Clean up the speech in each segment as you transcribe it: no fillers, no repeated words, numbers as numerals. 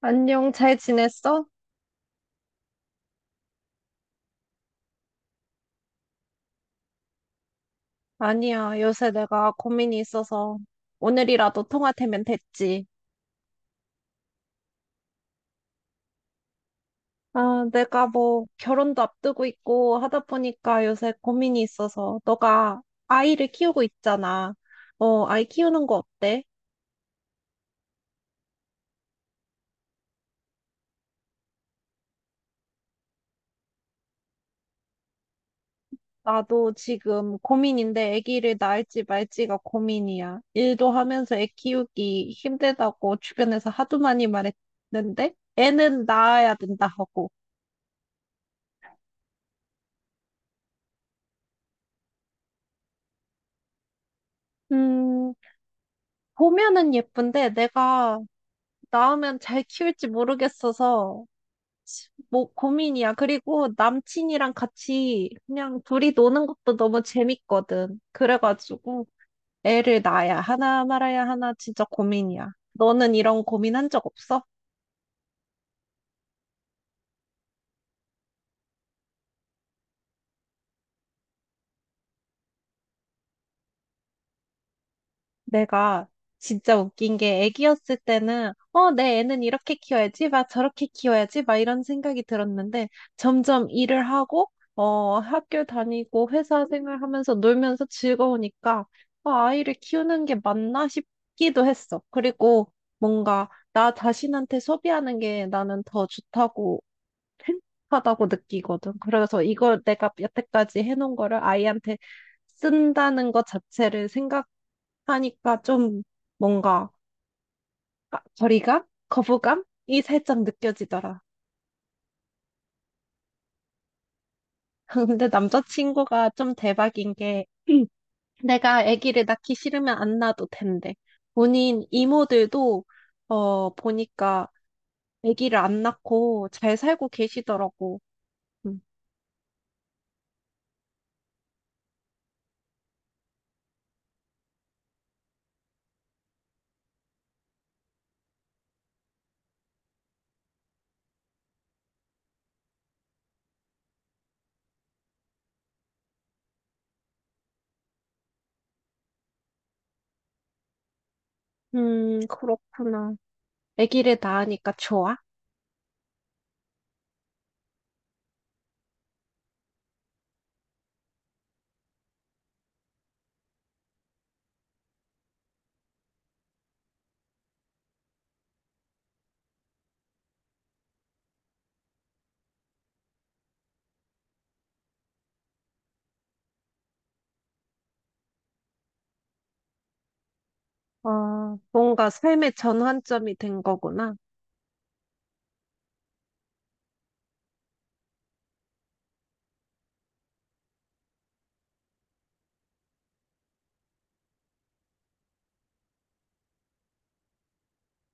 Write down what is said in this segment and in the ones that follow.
안녕, 잘 지냈어? 아니야, 요새 내가 고민이 있어서 오늘이라도 통화 되면 됐지. 아, 내가 뭐 결혼도 앞두고 있고 하다 보니까 요새 고민이 있어서 너가 아이를 키우고 있잖아. 어, 아이 키우는 거 어때? 나도 지금 고민인데 아기를 낳을지 말지가 고민이야. 일도 하면서 애 키우기 힘들다고 주변에서 하도 많이 말했는데 애는 낳아야 된다 하고. 음, 보면은 예쁜데 내가 낳으면 잘 키울지 모르겠어서 뭐 고민이야. 그리고 남친이랑 같이 그냥 둘이 노는 것도 너무 재밌거든. 그래가지고 애를 낳아야 하나 말아야 하나 진짜 고민이야. 너는 이런 고민한 적 없어? 내가 진짜 웃긴 게 애기였을 때는 어, 내 애는 이렇게 키워야지, 막 저렇게 키워야지, 막 이런 생각이 들었는데 점점 일을 하고 어, 학교 다니고 회사 생활하면서 놀면서 즐거우니까 아, 아이를 키우는 게 맞나 싶기도 했어. 그리고 뭔가 나 자신한테 소비하는 게 나는 더 좋다고 행복하다고 느끼거든. 그래서 이걸 내가 여태까지 해놓은 거를 아이한테 쓴다는 것 자체를 생각하니까 좀 뭔가 아, 거리감? 거부감이 살짝 느껴지더라. 근데 남자친구가 좀 대박인 게 내가 아기를 낳기 싫으면 안 낳아도 된대. 본인 이모들도 어 보니까 아기를 안 낳고 잘 살고 계시더라고. 음. 그렇구나. 아기를 낳으니까 좋아? 아, 뭔가 삶의 전환점이 된 거구나.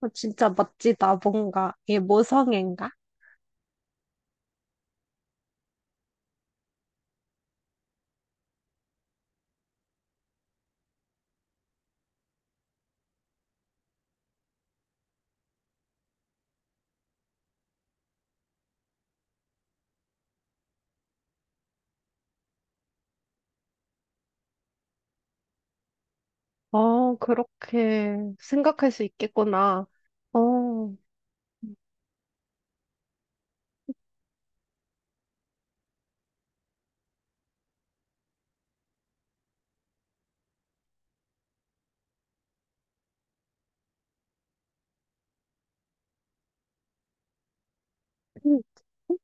어, 진짜 멋지다, 뭔가. 이게 모성애인가? 어, 그렇게 생각할 수 있겠구나. 어,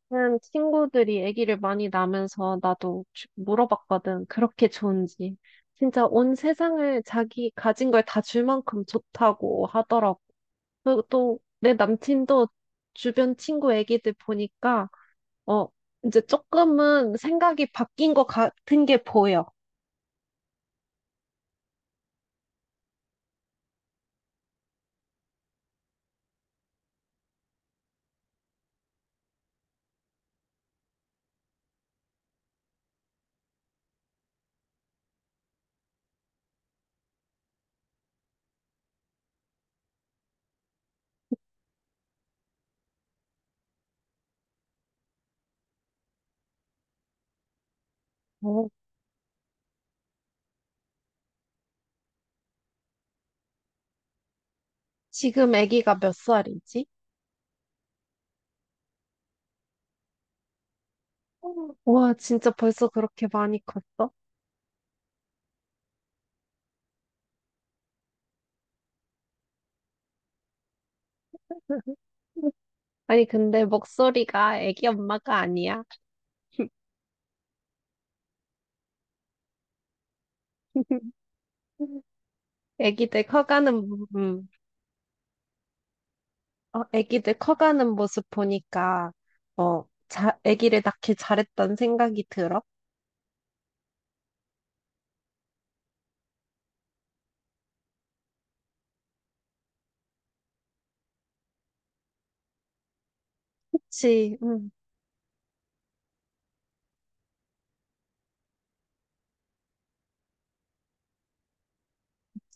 그냥 친구들이 아기를 많이 낳으면서 나도 물어봤거든. 그렇게 좋은지. 진짜 온 세상을 자기 가진 걸 다 줄 만큼 좋다고 하더라고. 그리고 또 내 남친도 주변 친구 아기들 보니까 어, 이제 조금은 생각이 바뀐 것 같은 게 보여. 어, 지금 아기가 몇 살이지? 와, 진짜 벌써 그렇게 많이 컸어? 아니, 근데 목소리가 아기 엄마가 아니야. 아기들 커가는, 부- 음, 아기들 커가는 모습 보니까, 어, 아기를 낳길 잘했다는 생각이 들어. 그치,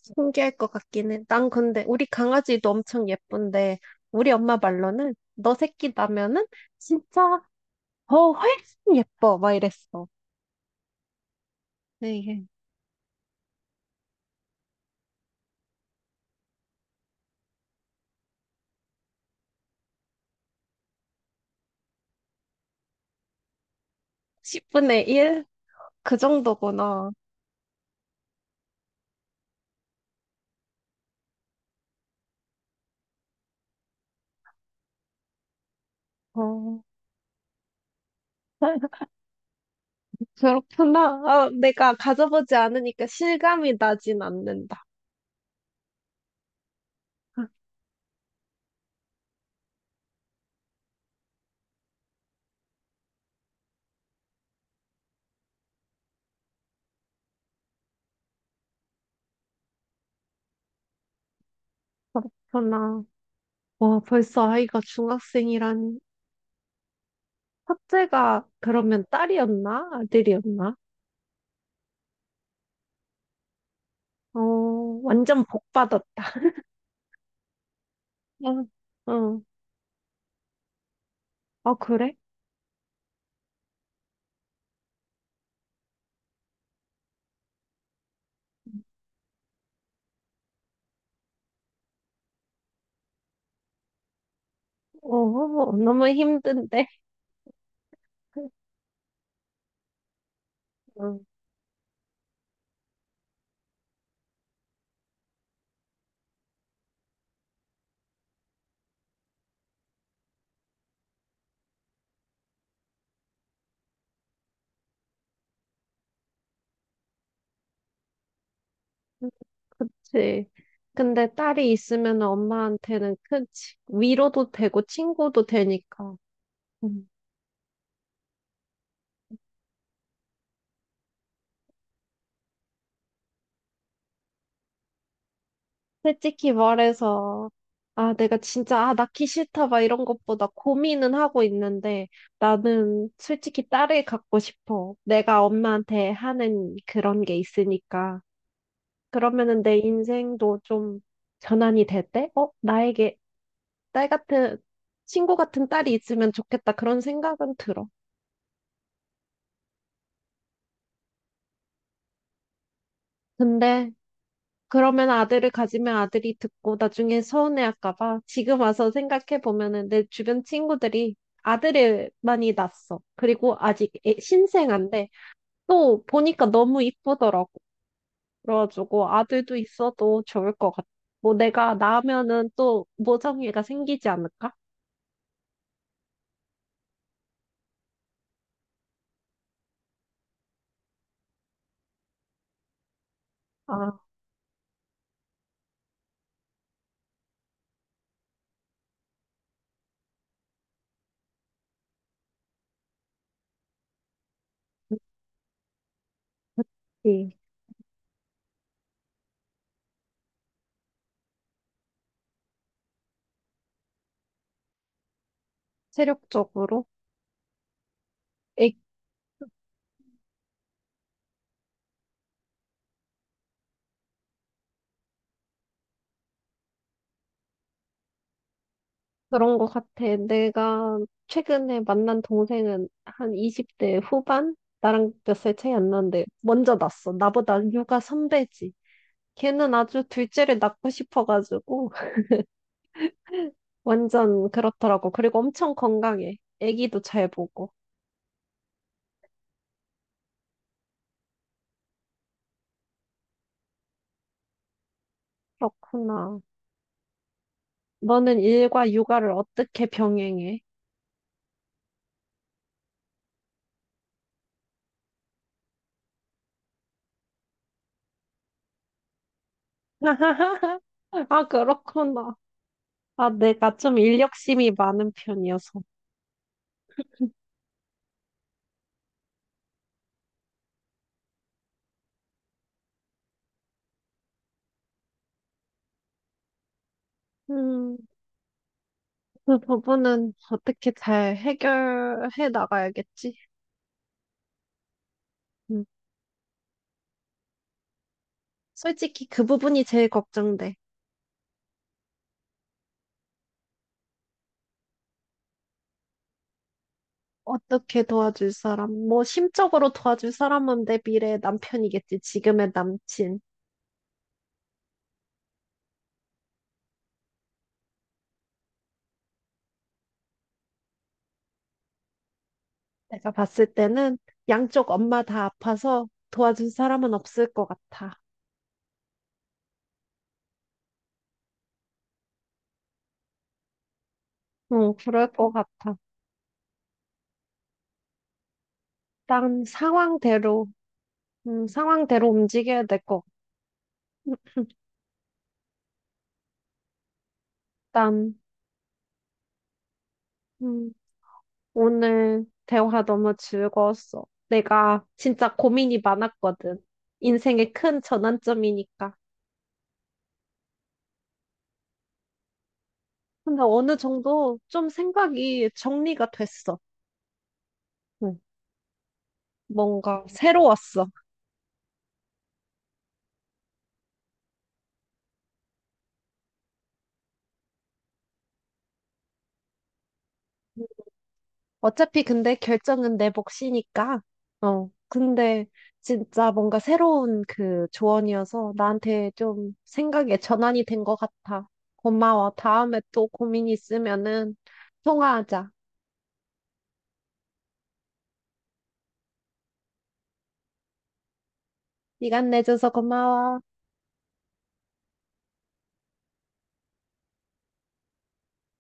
신기할 것 같긴 해. 난 근데, 우리 강아지도 엄청 예쁜데, 우리 엄마 말로는, 너 새끼 나면은, 진짜, 더 훨씬 예뻐. 막 이랬어. 네, 이게 10분의 1? 그 정도구나. 어, 그렇구나. 아, 내가 가져보지 않으니까 실감이 나진 않는다. 아, 그렇구나. 와, 벌써 아이가 중학생이라니. 첫째가 그러면 딸이었나? 아들이었나? 어, 완전 복 받았다. 어, 어, 아, 그래? 어, 너무 힘든데. 어, 그치. 근데 딸이 있으면 엄마한테는 큰 위로도 되고 친구도 되니까. 응. 솔직히 말해서, 아, 내가 진짜, 아, 낳기 싫다, 막 이런 것보다 고민은 하고 있는데, 나는 솔직히 딸을 갖고 싶어. 내가 엄마한테 하는 그런 게 있으니까. 그러면은 내 인생도 좀 전환이 될 때, 어, 나에게 딸 같은, 친구 같은 딸이 있으면 좋겠다, 그런 생각은 들어. 근데, 그러면 아들을 가지면 아들이 듣고 나중에 서운해할까 봐. 지금 와서 생각해 보면은 내 주변 친구들이 아들을 많이 낳았어. 그리고 아직 신생아인데 또 보니까 너무 이쁘더라고. 그래가지고 아들도 있어도 좋을 것 같아. 뭐 내가 낳으면은 또 모성애가 생기지 않을까? 아, 네. 체력적으로. 그런 것 같아. 내가 최근에 만난 동생은 한 20대 후반? 나랑 몇 살 차이 안 나는데 먼저 낳았어. 나보다 육아 선배지. 걔는 아주 둘째를 낳고 싶어가지고 완전 그렇더라고. 그리고 엄청 건강해. 아기도 잘 보고. 그렇구나. 너는 일과 육아를 어떻게 병행해? 아, 그렇구나. 아, 내가 좀 인력심이 많은 편이어서. 음. 그 부분은 어떻게 잘 해결해 나가야겠지. 음. 솔직히 그 부분이 제일 걱정돼. 어떻게 도와줄 사람? 뭐 심적으로 도와줄 사람은 내 미래의 남편이겠지. 지금의 남친. 내가 봤을 때는 양쪽 엄마 다 아파서 도와줄 사람은 없을 것 같아. 응, 그럴 것 같아. 일단 상황대로, 상황대로 움직여야 될 것 같다. 오늘 대화 너무 즐거웠어. 내가 진짜 고민이 많았거든. 인생의 큰 전환점이니까. 근데 어느 정도 좀 생각이 정리가 됐어. 응. 뭔가 새로웠어. 어차피 근데 결정은 내 몫이니까. 어. 근데 진짜 뭔가 새로운 그 조언이어서 나한테 좀 생각의 전환이 된 것 같아. 고마워. 다음에 또 고민 있으면은 통화하자. 시간 내줘서 고마워.